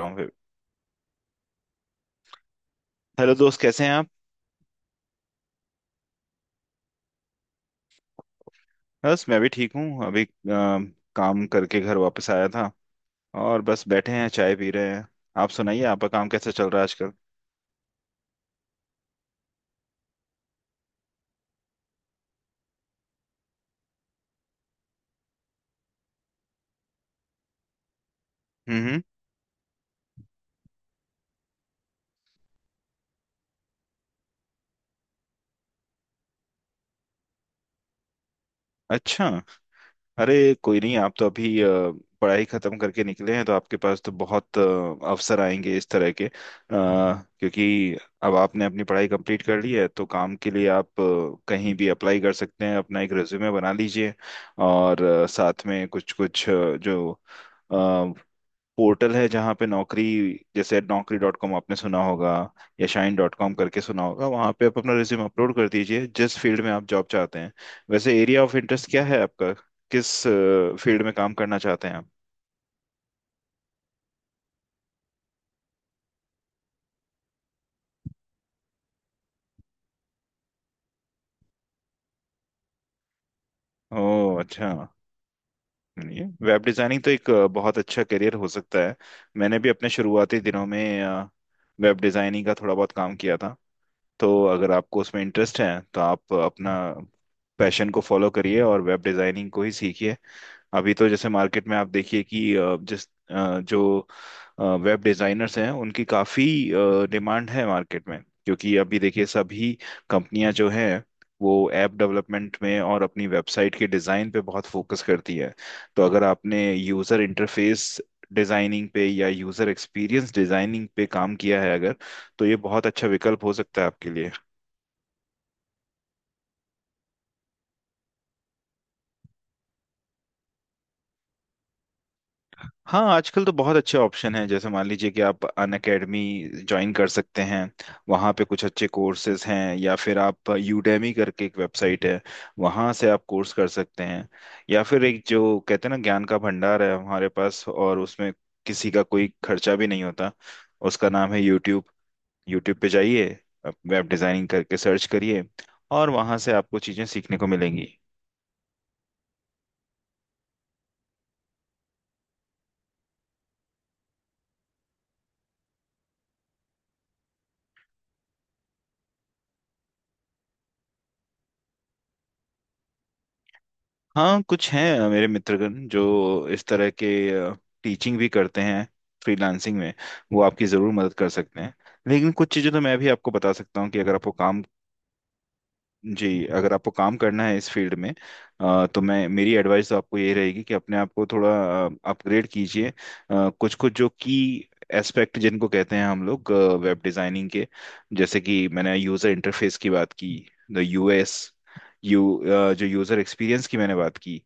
होंगे। हेलो दोस्त, कैसे हैं आप? बस मैं भी ठीक हूँ। अभी काम करके घर वापस आया था। और बस बैठे हैं, चाय पी रहे हैं। आप सुनाइए, आपका काम कैसा चल रहा है आजकल? हम्म हम्म। अच्छा। अरे कोई नहीं, आप तो अभी पढ़ाई खत्म करके निकले हैं तो आपके पास तो बहुत अवसर आएंगे इस तरह के। क्योंकि अब आपने अपनी पढ़ाई कंप्लीट कर ली है तो काम के लिए आप कहीं भी अप्लाई कर सकते हैं, अपना एक रिज्यूमे बना लीजिए। और साथ में कुछ कुछ जो पोर्टल है जहाँ पे नौकरी, जैसे naukri.com आपने सुना होगा या shine.com करके सुना होगा, वहाँ पे आप अपना रिज्यूम अपलोड कर दीजिए जिस फील्ड में आप जॉब चाहते हैं। वैसे एरिया ऑफ इंटरेस्ट क्या है आपका, किस फील्ड में काम करना चाहते हैं आप? ओह अच्छा। ये वेब डिजाइनिंग तो एक बहुत अच्छा करियर हो सकता है। मैंने भी अपने शुरुआती दिनों में वेब डिजाइनिंग का थोड़ा बहुत काम किया था। तो अगर आपको उसमें इंटरेस्ट है तो आप अपना पैशन को फॉलो करिए और वेब डिजाइनिंग को ही सीखिए। अभी तो जैसे मार्केट में आप देखिए कि जो वेब डिजाइनर्स हैं उनकी काफी डिमांड है मार्केट में, क्योंकि अभी देखिए सभी कंपनियां जो हैं वो ऐप डेवलपमेंट में और अपनी वेबसाइट के डिजाइन पे बहुत फोकस करती है। तो अगर आपने यूजर इंटरफेस डिजाइनिंग पे या यूजर एक्सपीरियंस डिजाइनिंग पे काम किया है अगर, तो ये बहुत अच्छा विकल्प हो सकता है आपके लिए। हाँ, आजकल तो बहुत अच्छे ऑप्शन हैं। जैसे मान लीजिए कि आप अन अकेडमी ज्वाइन कर सकते हैं, वहाँ पे कुछ अच्छे कोर्सेज हैं। या फिर आप यूडेमी करके एक वेबसाइट है, वहाँ से आप कोर्स कर सकते हैं। या फिर एक, जो कहते हैं ना ज्ञान का भंडार है हमारे पास और उसमें किसी का कोई खर्चा भी नहीं होता, उसका नाम है यूट्यूब। यूट्यूब पे जाइए, वेब डिज़ाइनिंग करके सर्च करिए और वहाँ से आपको चीज़ें सीखने को मिलेंगी। हाँ कुछ हैं मेरे मित्रगण जो इस तरह के टीचिंग भी करते हैं फ्रीलांसिंग में, वो आपकी ज़रूर मदद कर सकते हैं। लेकिन कुछ चीज़ें तो मैं भी आपको बता सकता हूँ कि अगर आपको काम। जी, अगर आपको काम करना है इस फील्ड में, तो मैं, मेरी एडवाइस तो आपको ये रहेगी कि अपने आप को थोड़ा अपग्रेड कीजिए। कुछ कुछ जो की एस्पेक्ट जिनको कहते हैं हम लोग वेब डिजाइनिंग के। जैसे कि मैंने यूजर इंटरफेस की बात की। द यूएस यू जो यूजर एक्सपीरियंस की मैंने बात की।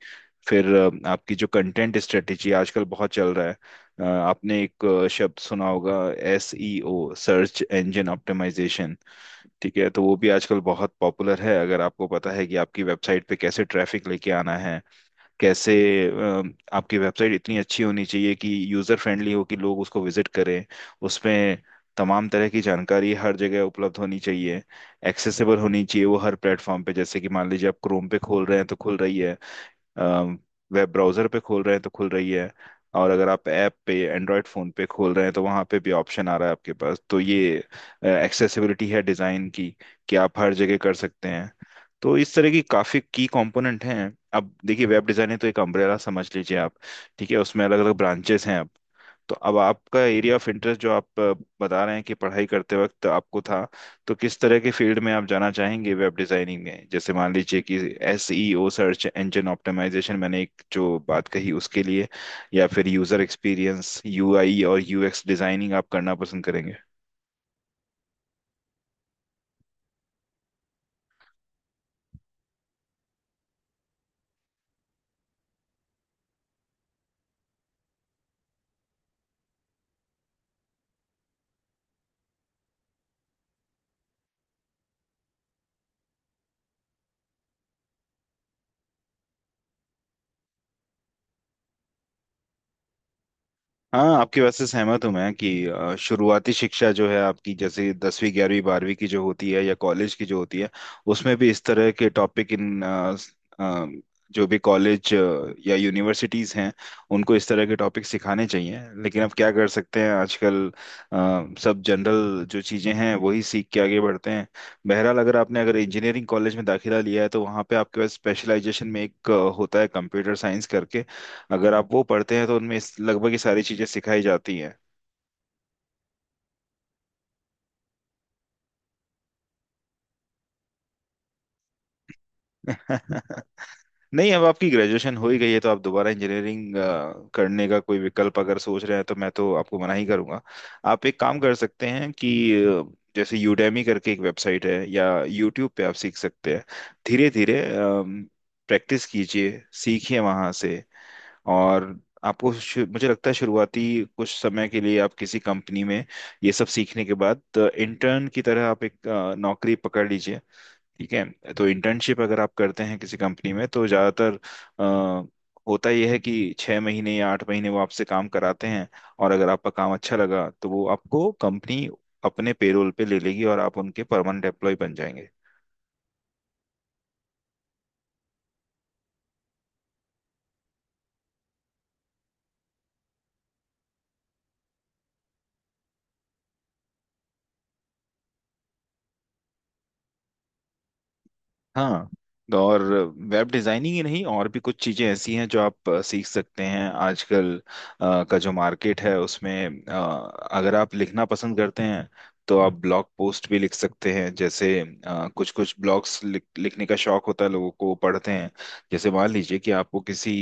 फिर आपकी जो कंटेंट स्ट्रेटेजी आजकल बहुत चल रहा है। आपने एक शब्द सुना होगा, एसईओ, सर्च इंजन ऑप्टिमाइजेशन। ठीक है, तो वो भी आजकल बहुत पॉपुलर है। अगर आपको पता है कि आपकी वेबसाइट पे कैसे ट्रैफिक लेके आना है, कैसे अ, आपकी वेबसाइट इतनी अच्छी होनी चाहिए कि यूजर फ्रेंडली हो कि लोग उसको विजिट करें, उसमें तमाम तरह की जानकारी हर जगह उपलब्ध होनी चाहिए, एक्सेसिबल होनी चाहिए वो हर प्लेटफॉर्म पे। जैसे कि मान लीजिए आप क्रोम पे खोल रहे हैं तो खुल रही है, वेब ब्राउजर पे खोल रहे हैं तो खुल रही है, और अगर आप ऐप पे, एंड्रॉयड फ़ोन पे खोल रहे हैं तो वहाँ पे भी ऑप्शन आ रहा है आपके पास। तो ये एक्सेसिबिलिटी है डिज़ाइन की, कि आप हर जगह कर सकते हैं। तो इस तरह की काफ़ी की कंपोनेंट हैं। अब देखिए वेब डिज़ाइन है तो एक अम्ब्रेला समझ लीजिए आप, ठीक है? उसमें अलग अलग ब्रांचेस हैं अब। तो अब आपका एरिया ऑफ इंटरेस्ट जो आप बता रहे हैं कि पढ़ाई करते वक्त आपको था, तो किस तरह के फील्ड में आप जाना चाहेंगे वेब डिजाइनिंग में? जैसे मान लीजिए कि एसईओ, सर्च इंजन ऑप्टिमाइजेशन मैंने एक जो बात कही उसके लिए, या फिर यूजर एक्सपीरियंस, यूआई और यूएक्स डिजाइनिंग आप करना पसंद करेंगे? हाँ आपकी बात से सहमत हूँ मैं, कि शुरुआती शिक्षा जो है आपकी जैसे 10वीं 11वीं 12वीं की जो होती है या कॉलेज की जो होती है, उसमें भी इस तरह के टॉपिक इन अ, स- अ, जो भी कॉलेज या यूनिवर्सिटीज़ हैं उनको इस तरह के टॉपिक सिखाने चाहिए। लेकिन अब क्या कर सकते हैं, आजकल सब जनरल जो चीज़ें हैं वही सीख के आगे बढ़ते हैं। बहरहाल अगर आपने अगर इंजीनियरिंग कॉलेज में दाखिला लिया है तो वहाँ पे आपके पास स्पेशलाइजेशन में एक होता है, कंप्यूटर साइंस करके। अगर आप वो पढ़ते हैं तो उनमें लगभग ये सारी चीजें सिखाई जाती हैं। नहीं अब आपकी ग्रेजुएशन हो ही गई है तो आप दोबारा इंजीनियरिंग करने का कोई विकल्प अगर सोच रहे हैं तो मैं तो आपको मना ही करूंगा। आप एक काम कर सकते हैं कि अ, जैसे यूडेमी करके एक वेबसाइट है या यूट्यूब पे आप सीख सकते हैं धीरे धीरे, प्रैक्टिस कीजिए, सीखिए वहां से। और आपको मुझे लगता है शुरुआती कुछ समय के लिए आप किसी कंपनी में ये सब सीखने के बाद इंटर्न की तरह आप एक नौकरी पकड़ लीजिए। ठीक है? तो इंटर्नशिप अगर आप करते हैं किसी कंपनी में तो ज़्यादातर अ, होता यह है कि 6 महीने या 8 महीने वो आपसे काम कराते हैं, और अगर आपका काम अच्छा लगा तो वो आपको कंपनी अपने पेरोल पे ले लेगी और आप उनके परमानेंट एम्प्लॉय बन जाएंगे। हाँ। और वेब डिजाइनिंग ही नहीं, और भी कुछ चीजें ऐसी हैं जो आप सीख सकते हैं आजकल। का जो मार्केट है उसमें, अगर आप लिखना पसंद करते हैं तो आप ब्लॉग पोस्ट भी लिख सकते हैं। जैसे कुछ कुछ ब्लॉग्स लिखने का शौक होता है लोगों को, वो पढ़ते हैं। जैसे मान लीजिए कि आपको किसी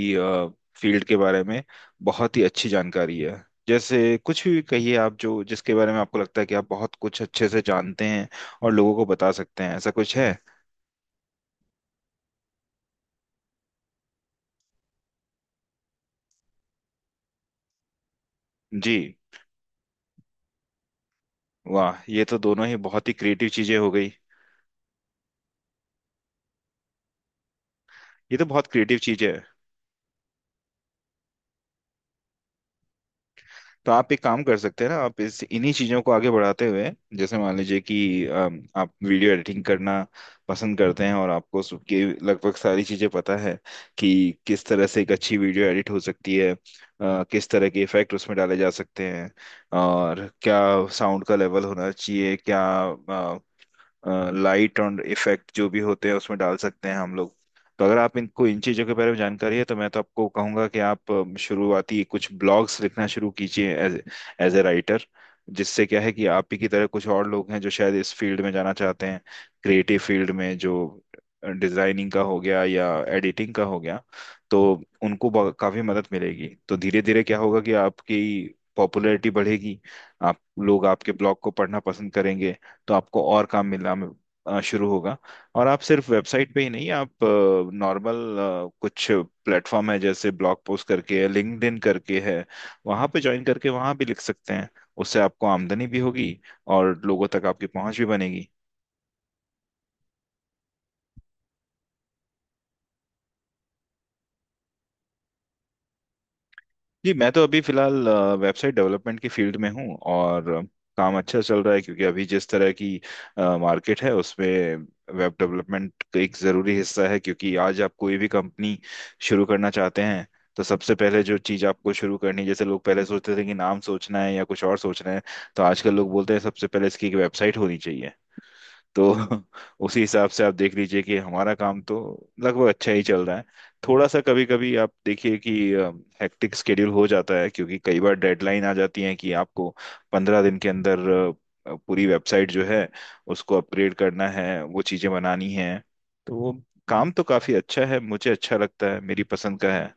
फील्ड के बारे में बहुत ही अच्छी जानकारी है, जैसे कुछ भी कहिए आप, जो जिसके बारे में आपको लगता है कि आप बहुत कुछ अच्छे से जानते हैं और लोगों को बता सकते हैं, ऐसा कुछ है? जी। वाह ये तो दोनों ही बहुत ही क्रिएटिव चीजें हो गई। ये तो बहुत क्रिएटिव चीजें हैं। तो आप एक काम कर सकते हैं ना, आप इस इन्हीं चीजों को आगे बढ़ाते हुए, जैसे मान लीजिए कि आप वीडियो एडिटिंग करना पसंद करते हैं और आपको सबकी लगभग सारी चीजें पता है कि किस तरह से एक अच्छी वीडियो एडिट हो सकती है, किस तरह के इफेक्ट उसमें डाले जा सकते हैं, और क्या साउंड का लेवल होना चाहिए, क्या लाइट और इफेक्ट जो भी होते हैं उसमें डाल सकते हैं हम लोग। तो अगर आप इनको, इन चीज़ों के बारे में जानकारी है तो मैं तो आपको कहूंगा कि आप शुरुआती कुछ ब्लॉग्स लिखना शुरू कीजिए, एज एज ए राइटर। जिससे क्या है कि आप ही की तरह कुछ और लोग हैं जो शायद इस फील्ड में जाना चाहते हैं, क्रिएटिव फील्ड में, जो डिजाइनिंग का हो गया या एडिटिंग का हो गया। तो उनको काफी मदद मिलेगी। तो धीरे धीरे क्या होगा कि आपकी पॉपुलैरिटी बढ़ेगी, आप, लोग आपके ब्लॉग को पढ़ना पसंद करेंगे, तो आपको और काम मिलना शुरू होगा। और आप सिर्फ वेबसाइट पे ही नहीं, आप नॉर्मल कुछ प्लेटफॉर्म है जैसे ब्लॉग पोस्ट करके है, लिंक्डइन करके है, वहां पे ज्वाइन करके वहां भी लिख सकते हैं। उससे आपको आमदनी भी होगी और लोगों तक आपकी पहुंच भी बनेगी। जी मैं तो अभी फिलहाल वेबसाइट डेवलपमेंट की फील्ड में हूँ और काम अच्छा चल रहा है, क्योंकि अभी जिस तरह की मार्केट है उसमें वेब डेवलपमेंट का एक ज़रूरी हिस्सा है। क्योंकि आज आप कोई भी कंपनी शुरू करना चाहते हैं तो सबसे पहले जो चीज़ आपको शुरू करनी, जैसे लोग पहले सोचते थे कि नाम सोचना है या कुछ और सोचना है, तो आजकल लोग बोलते हैं सबसे पहले इसकी एक वेबसाइट होनी चाहिए। तो उसी हिसाब से आप देख लीजिए कि हमारा काम तो लगभग अच्छा ही चल रहा है। थोड़ा सा कभी कभी आप देखिए कि हेक्टिक स्केड्यूल हो जाता है क्योंकि कई बार डेडलाइन आ जाती है कि आपको 15 दिन के अंदर पूरी वेबसाइट जो है उसको अपग्रेड करना है, वो चीजें बनानी है। तो वो काम तो काफी अच्छा है, मुझे अच्छा लगता है, मेरी पसंद का है।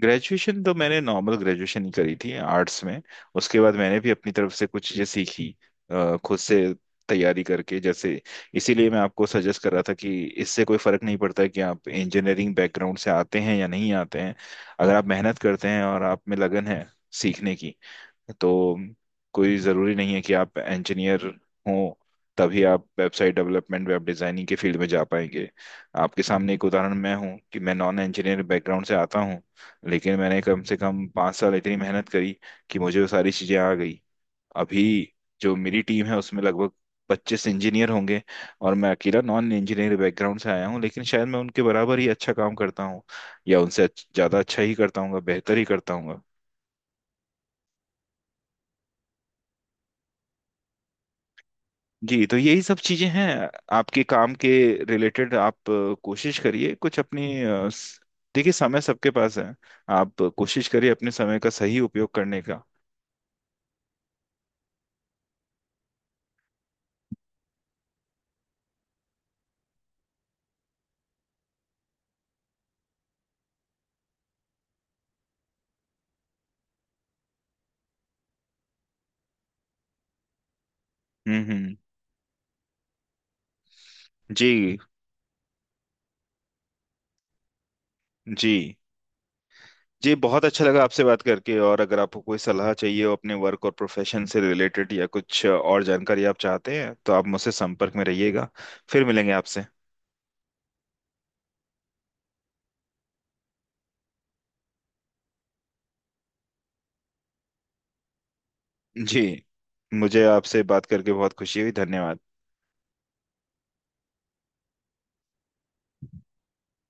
ग्रेजुएशन तो मैंने नॉर्मल ग्रेजुएशन ही करी थी, आर्ट्स में। उसके बाद मैंने भी अपनी तरफ से कुछ चीजें सीखी खुद से तैयारी करके। जैसे इसीलिए मैं आपको सजेस्ट कर रहा था कि इससे कोई फर्क नहीं पड़ता कि आप इंजीनियरिंग बैकग्राउंड से आते हैं या नहीं आते हैं। अगर आप मेहनत करते हैं और आप में लगन है सीखने की, तो कोई ज़रूरी नहीं है कि आप इंजीनियर हो तभी आप वेबसाइट डेवलपमेंट, वेब डिज़ाइनिंग के फील्ड में जा पाएंगे। आपके सामने एक उदाहरण मैं हूँ कि मैं नॉन इंजीनियर बैकग्राउंड से आता हूँ, लेकिन मैंने कम से कम 5 साल इतनी मेहनत करी कि मुझे वो सारी चीज़ें आ गई। अभी जो मेरी टीम है उसमें लगभग 25 इंजीनियर होंगे, और मैं अकेला नॉन इंजीनियर बैकग्राउंड से आया हूँ, लेकिन शायद मैं उनके बराबर ही अच्छा काम करता हूँ, या उनसे ज़्यादा अच्छा ही करता हूँ, बेहतर ही करता हूँ। जी, तो यही सब चीजें हैं। आपके काम के रिलेटेड आप कोशिश करिए कुछ अपनी देखिए समय सबके पास है, आप कोशिश करिए अपने समय का सही उपयोग करने का। हम्म। जी जी। जी बहुत अच्छा लगा आपसे बात करके, और अगर आपको कोई सलाह चाहिए हो अपने वर्क और प्रोफेशन से रिलेटेड या कुछ और जानकारी आप चाहते हैं तो आप मुझसे संपर्क में रहिएगा। फिर मिलेंगे आपसे। जी मुझे आपसे बात करके बहुत खुशी हुई। धन्यवाद।